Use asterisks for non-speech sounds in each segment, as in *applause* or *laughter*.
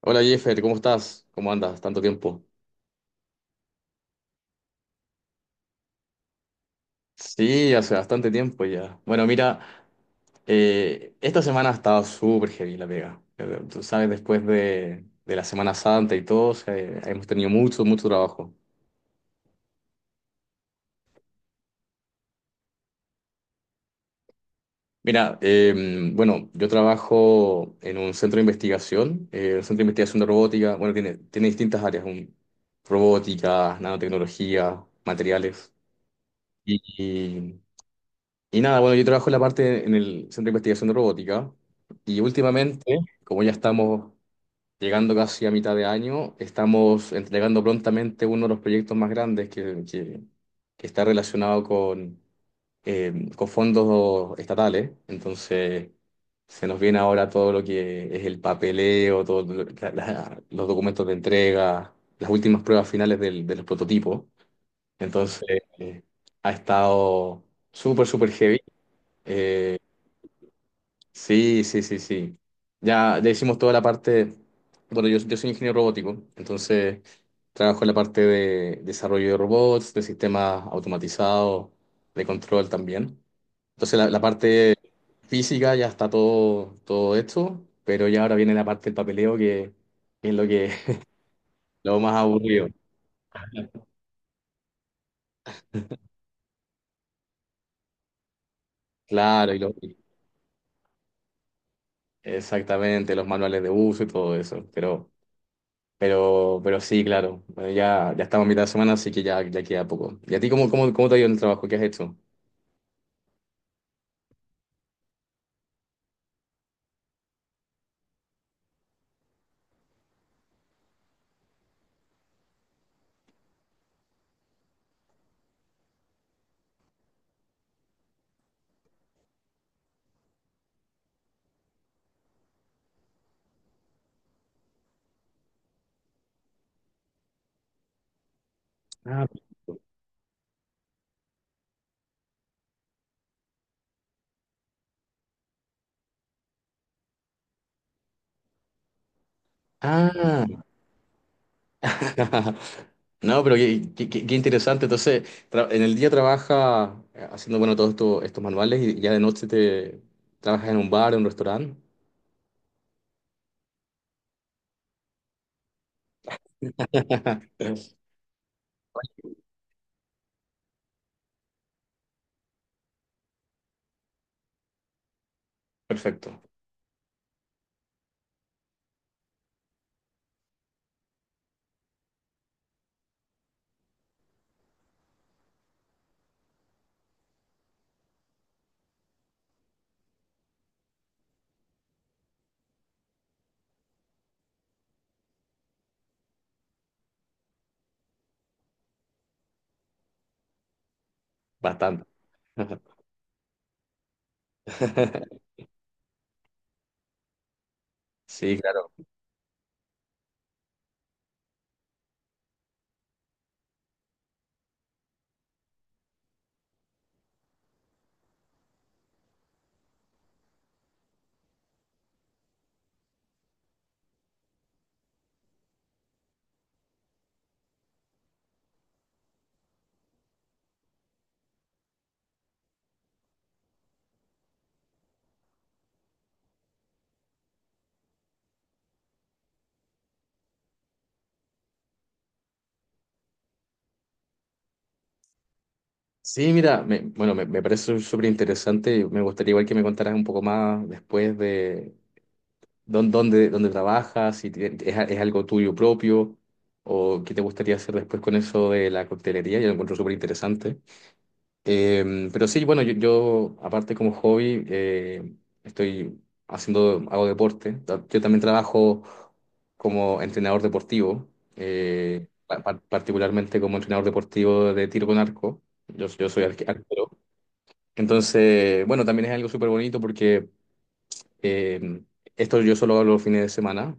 Hola Jeffer, ¿cómo estás? ¿Cómo andas? Tanto tiempo. Sí, hace bastante tiempo ya. Bueno, mira, esta semana ha estado súper heavy la pega. Tú sabes, después de la Semana Santa y todo, hemos tenido mucho, mucho trabajo. Mira, bueno, yo trabajo en un centro de investigación, un centro de investigación de robótica. Bueno, tiene distintas áreas: robótica, nanotecnología, materiales. Y nada, bueno, yo trabajo en la parte en el Centro de Investigación de Robótica y últimamente, como ya estamos llegando casi a mitad de año, estamos entregando prontamente uno de los proyectos más grandes que está relacionado con fondos estatales. Entonces, se nos viene ahora todo lo que es el papeleo, todos los documentos de entrega, las últimas pruebas finales de los prototipos. Entonces, eh, ha estado súper, súper heavy. Eh, Sí, sí, sí, sí. Ya hicimos toda la parte. Bueno, yo soy ingeniero robótico, entonces trabajo en la parte de desarrollo de robots, de sistemas automatizados, de control también. Entonces la parte física ya está todo, todo hecho, pero ya ahora viene la parte del papeleo que, es lo que *laughs* lo más aburrido. Claro, exactamente, los manuales de uso y todo eso. Pero sí, claro. Bueno, ya estamos a mitad de semana, así que ya queda poco. ¿Y a ti cómo, cómo, cómo te ha ido en el trabajo? ¿Qué has hecho? Ah, ah, *laughs* no, pero qué, qué interesante. Entonces, en el día trabaja haciendo, bueno, todos estos, estos manuales, y ya de noche te trabajas en un bar, en un restaurante. *laughs* Perfecto, bastante. *laughs* Sí, claro. Sí, mira, bueno, me parece súper interesante. Me gustaría igual que me contaras un poco más después. ¿Dónde trabajas? Si es, es algo tuyo propio o qué te gustaría hacer después con eso de la coctelería. Yo lo encuentro súper interesante. Pero sí, bueno, aparte como hobby, estoy hago deporte. Yo también trabajo como entrenador deportivo, particularmente como entrenador deportivo de tiro con arco. Yo soy arquero. Entonces, bueno, también es algo súper bonito porque... eh, esto yo solo hago los fines de semana,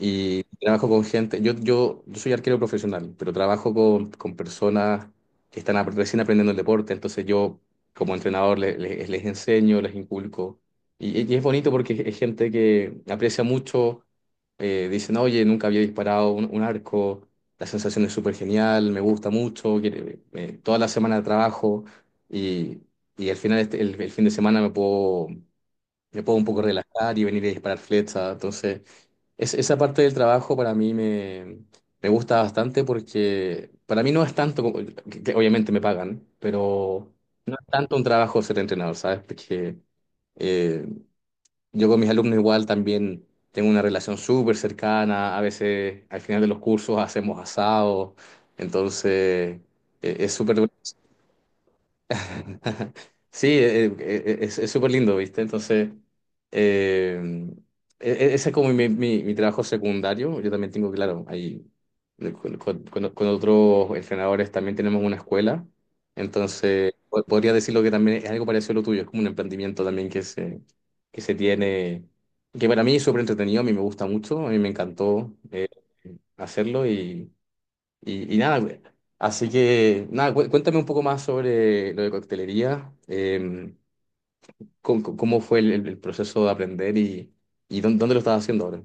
y trabajo con gente. Yo soy arquero profesional, pero trabajo con personas que están recién aprendiendo el deporte. Entonces yo, como entrenador, enseño, les inculco. Y es bonito porque es gente que aprecia mucho. Dicen: oye, nunca había disparado un arco, la sensación es súper genial, me gusta mucho. Toda la semana trabajo, y, y al final el fin de semana me puedo un poco relajar y venir a disparar flechas. Entonces... Esa parte del trabajo para mí me gusta bastante, porque para mí no es tanto como que obviamente me pagan, pero no es tanto un trabajo ser entrenador, ¿sabes? Porque eh, yo con mis alumnos igual también tengo una relación súper cercana. A veces al final de los cursos hacemos asado. Entonces es súper *laughs* sí, es súper lindo, ¿viste? Entonces, eh, ese es como mi trabajo secundario. Yo también tengo, claro, ahí, con otros entrenadores, también tenemos una escuela. Entonces, podría decirlo que también es algo parecido a lo tuyo, es como un emprendimiento también que se tiene, que para mí es súper entretenido. A mí me gusta mucho, a mí me encantó, hacerlo. Y nada, güey, así que nada, cuéntame un poco más sobre lo de coctelería, cómo fue el proceso de aprender, y dónde lo estás haciendo ahora.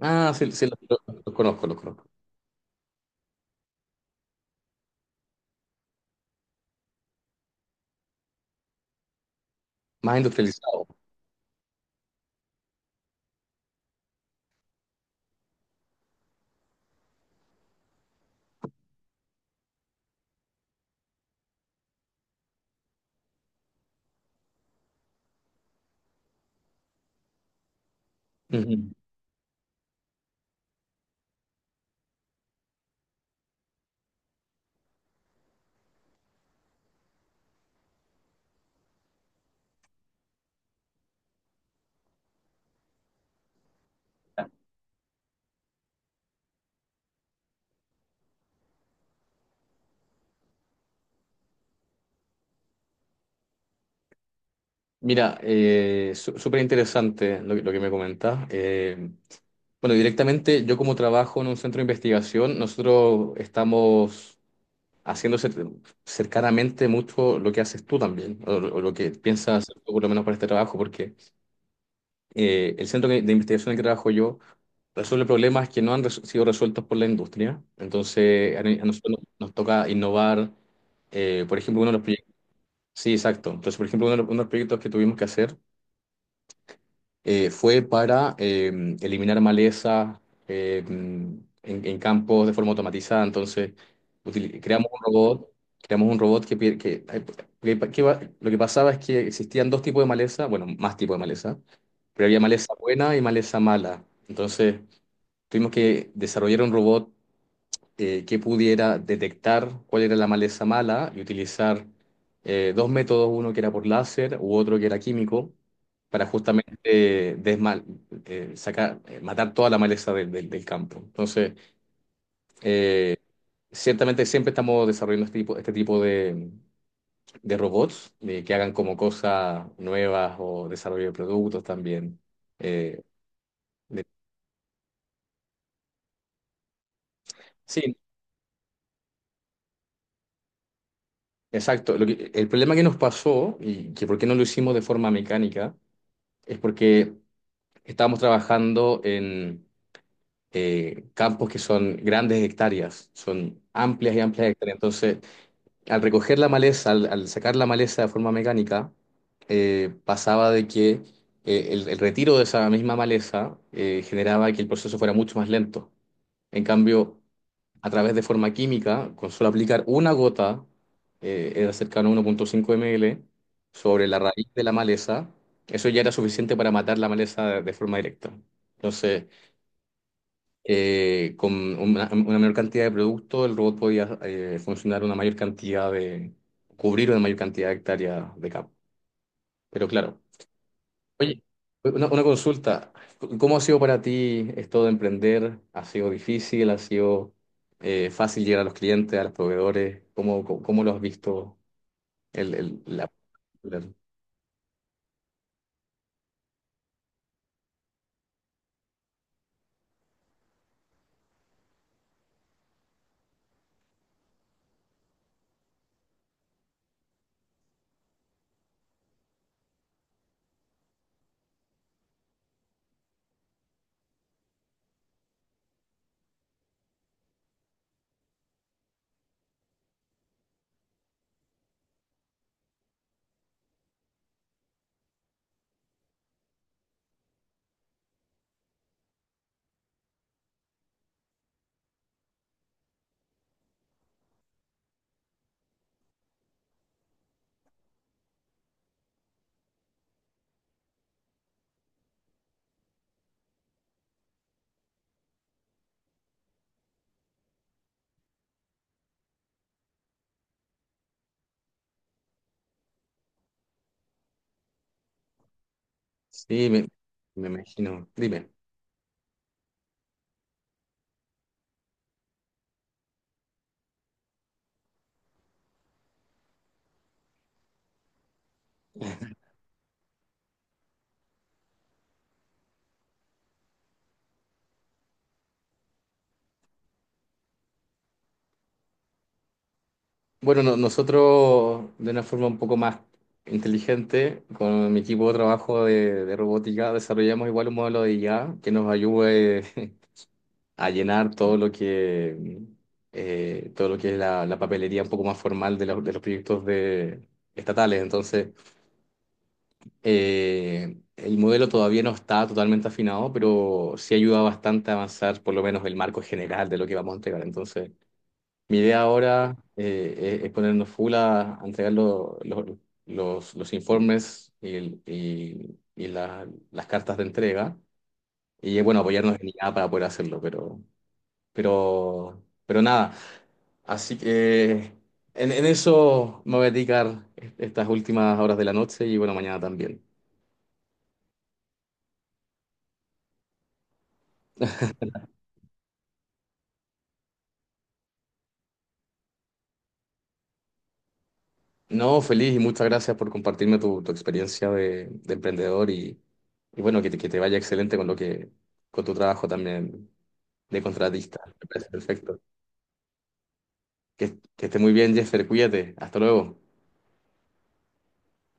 Ah, sí, sí, los conozco, los conozco. Más industrializado. Ujú. Mira, súper interesante que lo que me comentas. Bueno, directamente, yo como trabajo en un centro de investigación, nosotros estamos haciendo cercanamente mucho lo que haces tú también, o lo que piensas hacer tú por lo menos para este trabajo, porque... el centro de investigación en que trabajo yo resuelve problemas que no han sido resueltos por la industria. Entonces, a nosotros nos toca innovar. Por ejemplo, uno de los proyectos. Sí, exacto. Entonces, por ejemplo, uno de los proyectos que tuvimos que hacer, fue para, eliminar maleza, en campos de forma automatizada. Entonces, creamos creamos un robot que, pi- que va- lo que pasaba es que existían dos tipos de maleza, bueno, más tipos de maleza, pero había maleza buena y maleza mala. Entonces, tuvimos que desarrollar un robot que pudiera detectar cuál era la maleza mala y utilizar dos métodos, uno que era por láser u otro que era químico, para justamente eh, desmal- matar toda la maleza del campo. Entonces, eh, ciertamente siempre estamos desarrollando este tipo de robots que hagan como cosas nuevas, o desarrollo de productos también. Eh, de- sí, exacto. El problema que nos pasó, y que por qué no lo hicimos de forma mecánica, es porque estamos trabajando en campos que son grandes hectáreas, son amplias y amplias hectáreas. Entonces, al recoger la maleza, al sacar la maleza de forma mecánica, pasaba de que, el retiro de esa misma maleza, generaba que el proceso fuera mucho más lento. En cambio, a través de forma química, con solo aplicar una gota, era cercano a 1,5 ml sobre la raíz de la maleza, eso ya era suficiente para matar la maleza de forma directa. Entonces, con una menor cantidad de productos, el robot podía, funcionar una mayor cantidad cubrir una mayor cantidad de hectáreas de campo. Pero claro. Oye, una consulta: ¿cómo ha sido para ti esto de emprender? ¿Ha sido difícil? ¿Ha sido, fácil llegar a los clientes, a los proveedores? ¿Cómo lo has visto? El, el- la- la- Sí, me imagino. Dime. Bueno, nosotros de una forma un poco más inteligente, con mi equipo de trabajo de robótica, desarrollamos igual un modelo de IA que nos ayude *laughs* a llenar todo lo que es la papelería un poco más formal los de los proyectos, estatales. Entonces, el modelo todavía no está totalmente afinado, pero sí ayuda bastante a avanzar por lo menos el marco general de lo que vamos a entregar. Entonces, mi idea ahora, es ponernos full a entregar los informes, las cartas de entrega. Bueno, apoyarnos en IA para poder hacerlo, pero, nada. Así que en eso me voy a dedicar estas últimas horas de la noche, y bueno, mañana también. No, feliz, y muchas gracias por compartirme tu experiencia de emprendedor, y bueno, que te vaya excelente con lo que, con tu trabajo también. De contratista. Me parece perfecto. Que, que esté muy bien, Jeffer. Cuídate. Hasta luego.